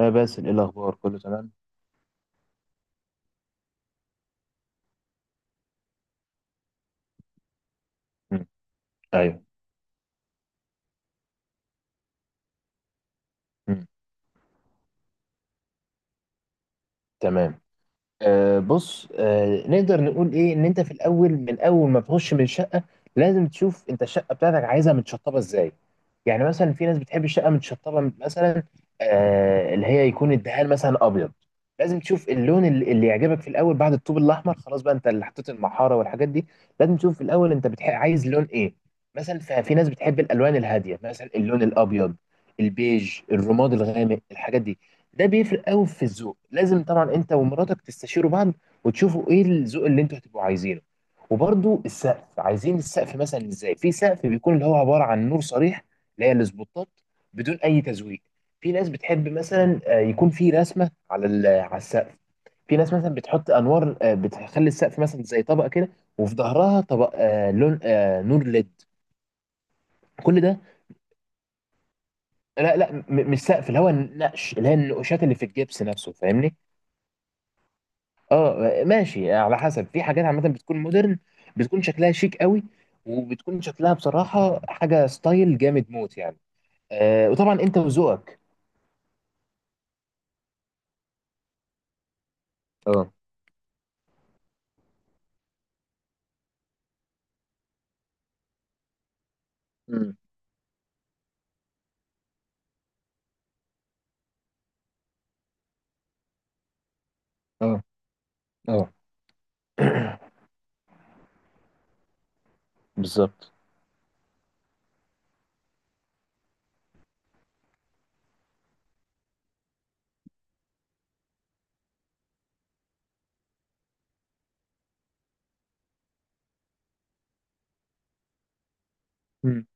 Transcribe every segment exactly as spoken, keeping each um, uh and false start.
آه باسل، إيه الأخبار كله تمام؟ مم. أيوه. مم. تمام. آه بص، آه نقدر نقول ايه ان انت في الاول، من اول ما تخش من الشقه لازم تشوف انت الشقه بتاعتك عايزها متشطبه ازاي. يعني مثلا في ناس بتحب الشقه متشطبه مثلا آه، اللي هي يكون الدهان مثلا ابيض. لازم تشوف اللون اللي, اللي يعجبك في الاول، بعد الطوب الاحمر خلاص بقى انت اللي حطيت المحاره والحاجات دي. لازم تشوف في الاول انت بتح... عايز لون ايه. مثلا ف- في ناس بتحب الالوان الهاديه، مثلا اللون الابيض، البيج، الرماد الغامق، الحاجات دي. ده بيفرق قوي في الذوق. لازم طبعا انت ومراتك تستشيروا بعض وتشوفوا ايه الذوق اللي انتوا هتبقوا عايزينه. وبرضو السقف، عايزين السقف مثلا ازاي. في سقف بيكون اللي هو عبارة عن نور صريح، اللي هي السبوتات، بدون اي تزويق. في ناس بتحب مثلا آه، يكون في رسمة على ال- آه، على السقف. في ناس مثلا بتحط انوار آه، بتخلي السقف مثلا زي طبقة كده، وفي ظهرها طبق آه، لون آه، نور ليد. كل ده. لا لا، م- مش سقف، اللي هو النقش اللي هي النقوشات اللي في الجبس نفسه، فاهمني. اه ماشي، على حسب. في حاجات عامه بتكون مودرن، بتكون شكلها شيك قوي، وبتكون شكلها بصراحه حاجه ستايل جامد موت يعني. آه، وطبعا انت وذوقك. اه. امم. اه. اه. بالظبط. امم.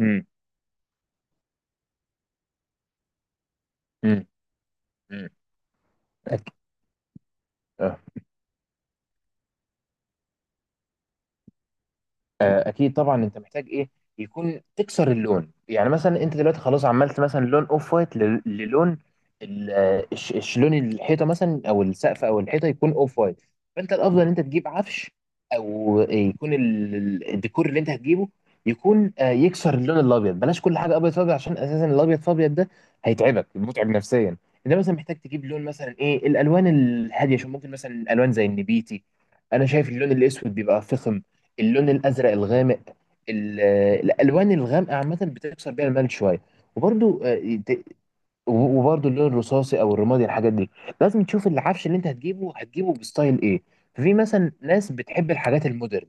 امم. امم. أك- آه، اكيد طبعا، انت محتاج ايه يكون تكسر اللون. يعني مثلا انت دلوقتي خلاص عملت مثلا لون اوف وايت لل- للون ال- آه، الش- الش- لون الحيطه مثلا او السقف او الحيطه يكون اوف وايت. فانت الافضل ان انت تجيب عفش، او يكون ال- ال- الديكور اللي انت هتجيبه يكون آه، يكسر اللون الابيض. بلاش كل حاجه ابيض فابيض، عشان اساسا الابيض فابيض ده هيتعبك، متعب نفسيا. انت مثلا محتاج تجيب لون مثلا ايه الالوان الهاديه، عشان ممكن مثلا الوان زي النبيتي. انا شايف اللون الاسود بيبقى فخم، اللون الازرق الغامق، ال- الالوان الغامقه عامه بتكسر بيها الملل شويه. وبرده. وبرده اللون الرصاصي او الرمادي، الحاجات دي. لازم تشوف العفش اللي انت هتجيبه، هتجيبه بستايل ايه. ففي مثلا ناس بتحب الحاجات المودرن.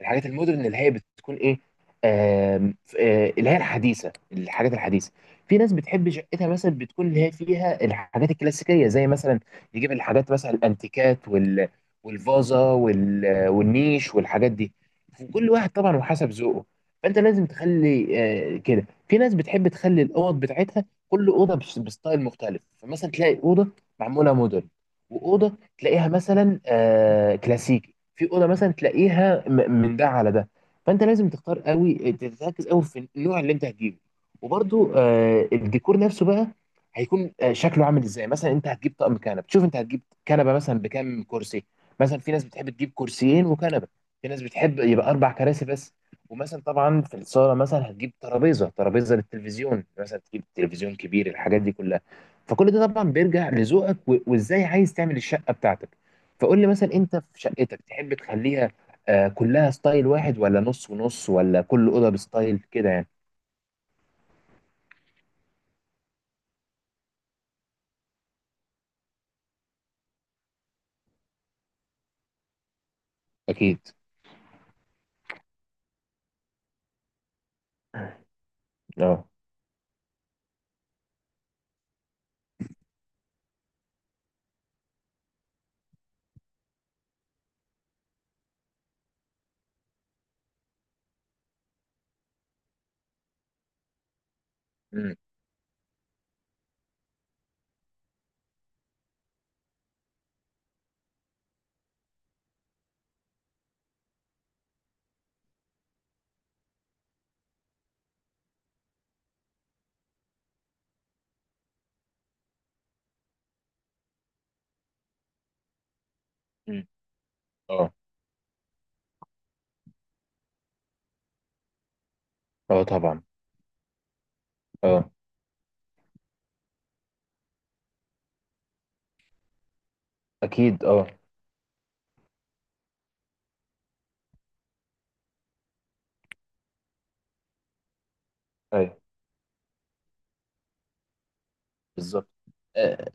الحاجات المودرن اللي هي بتكون ايه، آم، ف- آه، اللي هي الحديثه، الحاجات الحديثه. في ناس بتحب شقتها مثلا بتكون اللي هي فيها الحاجات الكلاسيكيه، زي مثلا يجيب الحاجات مثلا الانتيكات، وال والفازه، وال والنيش، والحاجات دي. كل واحد طبعا وحسب ذوقه. فانت لازم تخلي آه، كده، في ناس بتحب تخلي الاوض بتاعتها كل اوضه بش- بستايل مختلف. فمثلا تلاقي اوضه معموله مودرن، واوضه تلاقيها مثلا آه، كلاسيكي، في اوضه مثلا تلاقيها م- من ده على ده. فانت لازم تختار قوي، تركز قوي في النوع اللي انت هتجيبه. وبرده الديكور نفسه بقى هيكون آه، شكله عامل ازاي. مثلا انت هتجيب طقم كنب، شوف انت هتجيب كنبه مثلا بكام كرسي. مثلا في ناس بتحب تجيب كرسيين وكنبه، في ناس بتحب يبقى اربع كراسي بس. ومثلا طبعا في الصاله مثلا هتجيب ترابيزه ترابيزه للتلفزيون، مثلا تجيب تلفزيون كبير، الحاجات دي كلها. فكل ده طبعا بيرجع لذوقك و- وازاي عايز تعمل الشقه بتاعتك. فقول لي مثلا انت في شقتك تحب تخليها آه، كلها ستايل واحد، ولا نص ونص، ولا كل اوضه بستايل كده يعني. اكيد. اه. امم. أمم. اه. اه طبعا. اه. اكيد. اه. ايوه. بالظبط. آه،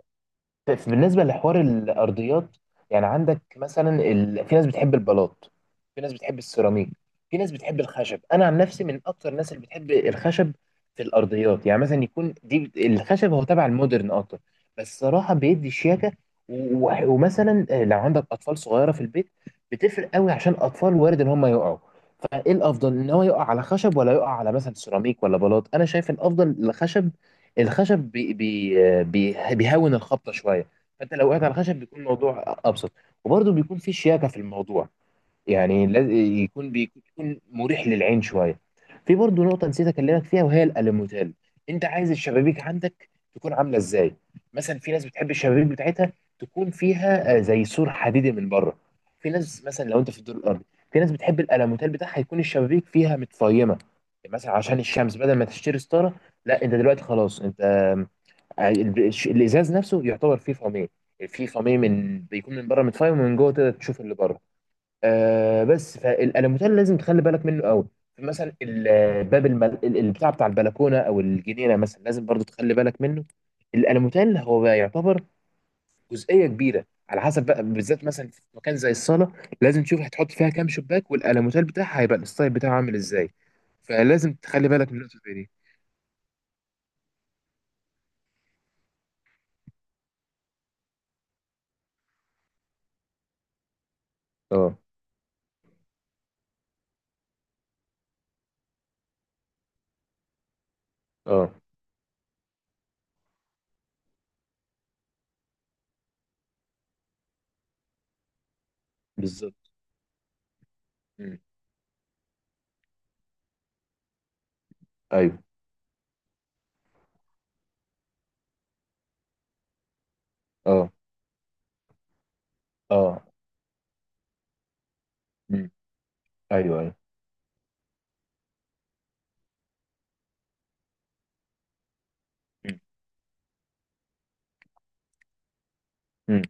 ف- بالنسبة لحوار الأرضيات، يعني عندك مثلا ال... في ناس بتحب البلاط، في ناس بتحب السيراميك، في ناس بتحب الخشب. أنا عن نفسي من أكتر الناس اللي بتحب الخشب في الأرضيات. يعني مثلا يكون دي بت- الخشب هو تبع المودرن أكتر، بس صراحة بيدي شياكة. و... و- ومثلا آه، لو عندك أطفال صغيرة في البيت بتفرق قوي، عشان أطفال وارد إن هم يقعوا. فإيه الأفضل، إن هو يقع على خشب ولا يقع على مثلا سيراميك ولا بلاط. أنا شايف الأفضل الخشب، الخشب بي بي بي بيهون الخبطه شويه. فانت لو وقعت على الخشب بيكون الموضوع ابسط، وبرده بيكون في شياكه في الموضوع. يعني لازم يكون بيكون مريح للعين شويه. في برضو نقطه نسيت اكلمك فيها، وهي الالوميتال. انت عايز الشبابيك عندك تكون عامله ازاي. مثلا في ناس بتحب الشبابيك بتاعتها تكون فيها آه، زي سور حديدي من بره، في ناس مثلا لو انت في الدور الارضي. في ناس بتحب الالوميتال بتاعها يكون الشبابيك فيها متفيمه، يعني مثلا عشان الشمس بدل ما تشتري ستاره. لا، انت دلوقتي خلاص انت، آه، ال- الازاز نفسه يعتبر فيه فميه. في فميه من بيكون من بره متفايم ومن جوه تقدر تشوف اللي بره. آه بس فالالوميتال لازم تخلي بالك منه قوي. مثلا الباب المل... البتاع بتاع البلكونه او الجنينه مثلا لازم برضو تخلي بالك منه. الالوميتال هو بقى يعتبر جزئيه كبيره على حسب، بقى بالذات مثلا في مكان زي الصاله لازم تشوف هتحط فيها كام شباك، والالوميتال بتاعها هيبقى الستايل بتاعه عامل ازاي. فلازم تخلي بالك من النقطه زي دي. اه. اه. بالظبط. مم. ايوه. اه. اه. مم. ايوه ايوه. مم. مم.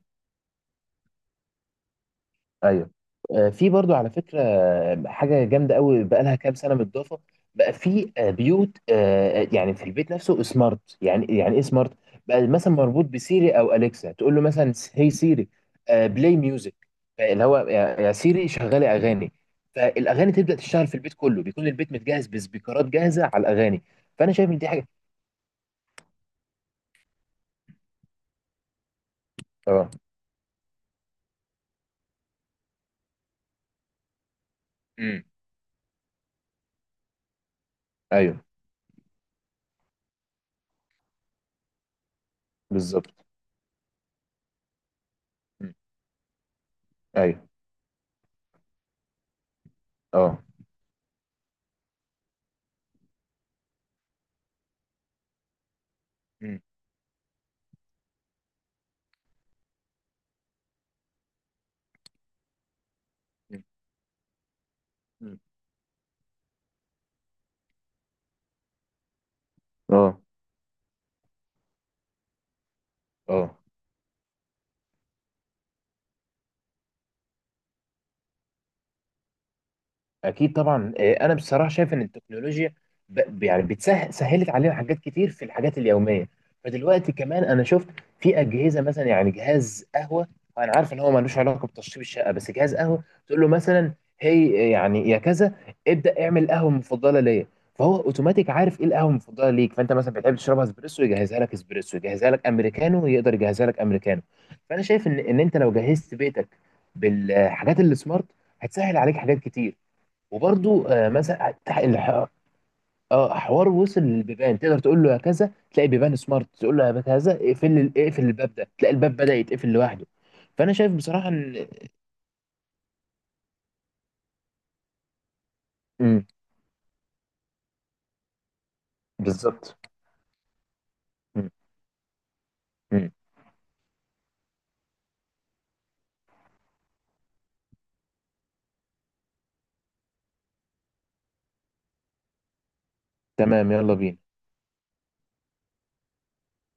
ايوه. آه، في برضو على فكره آه، حاجه جامده قوي بقى لها كام سنه متضافه. بقى في آه، بيوت، آه، آه، يعني في البيت نفسه سمارت، يعني يعني ايه سمارت. بقى مثلا مربوط بسيري او اليكسا، تقول له مثلا هي سيري، بلاي ميوزك، اللي هو يا يا سيري شغلي اغاني. فالاغاني تبدا تشتغل في البيت كله، بيكون البيت متجهز بسبيكرات جاهزه على الاغاني. فانا شايف ان دي حاجه. اه. امم. ايوه. بالظبط. مم. ايوه. اه. مم. مم. مم. اه. اه اكيد طبعا. إيه، انا بصراحه شايف ان التكنولوجيا ب- يعني بتسهل، سهلت علينا حاجات كتير في الحاجات اليوميه. فدلوقتي كمان انا شفت في اجهزه مثلا، يعني جهاز قهوه. انا عارف ان هو ملوش علاقه بتشطيب الشقه، بس جهاز قهوه تقول له مثلا هي يعني يا كذا، ابدا اعمل القهوه المفضله ليا. فهو اوتوماتيك عارف ايه القهوه المفضله ليك، فانت مثلا بتحب تشربها اسبريسو يجهزها لك اسبريسو، يجهزها لك امريكانو يقدر يجهزها لك امريكانو. فانا شايف ان ان انت لو جهزت بيتك بالحاجات اللي سمارت هتسهل عليك حاجات كتير. وبرضو آه، مثلا تح- الح- اه حوار وصل للبيبان. تقدر تقول له يا كذا، تلاقي بيبان سمارت، تقول له يا كذا اقفل ال- اقفل الباب ده، تلاقي الباب بدأ يتقفل لوحده. فانا شايف بصراحة ان. مم، بالظبط. مم. مم. تمام يلا بينا.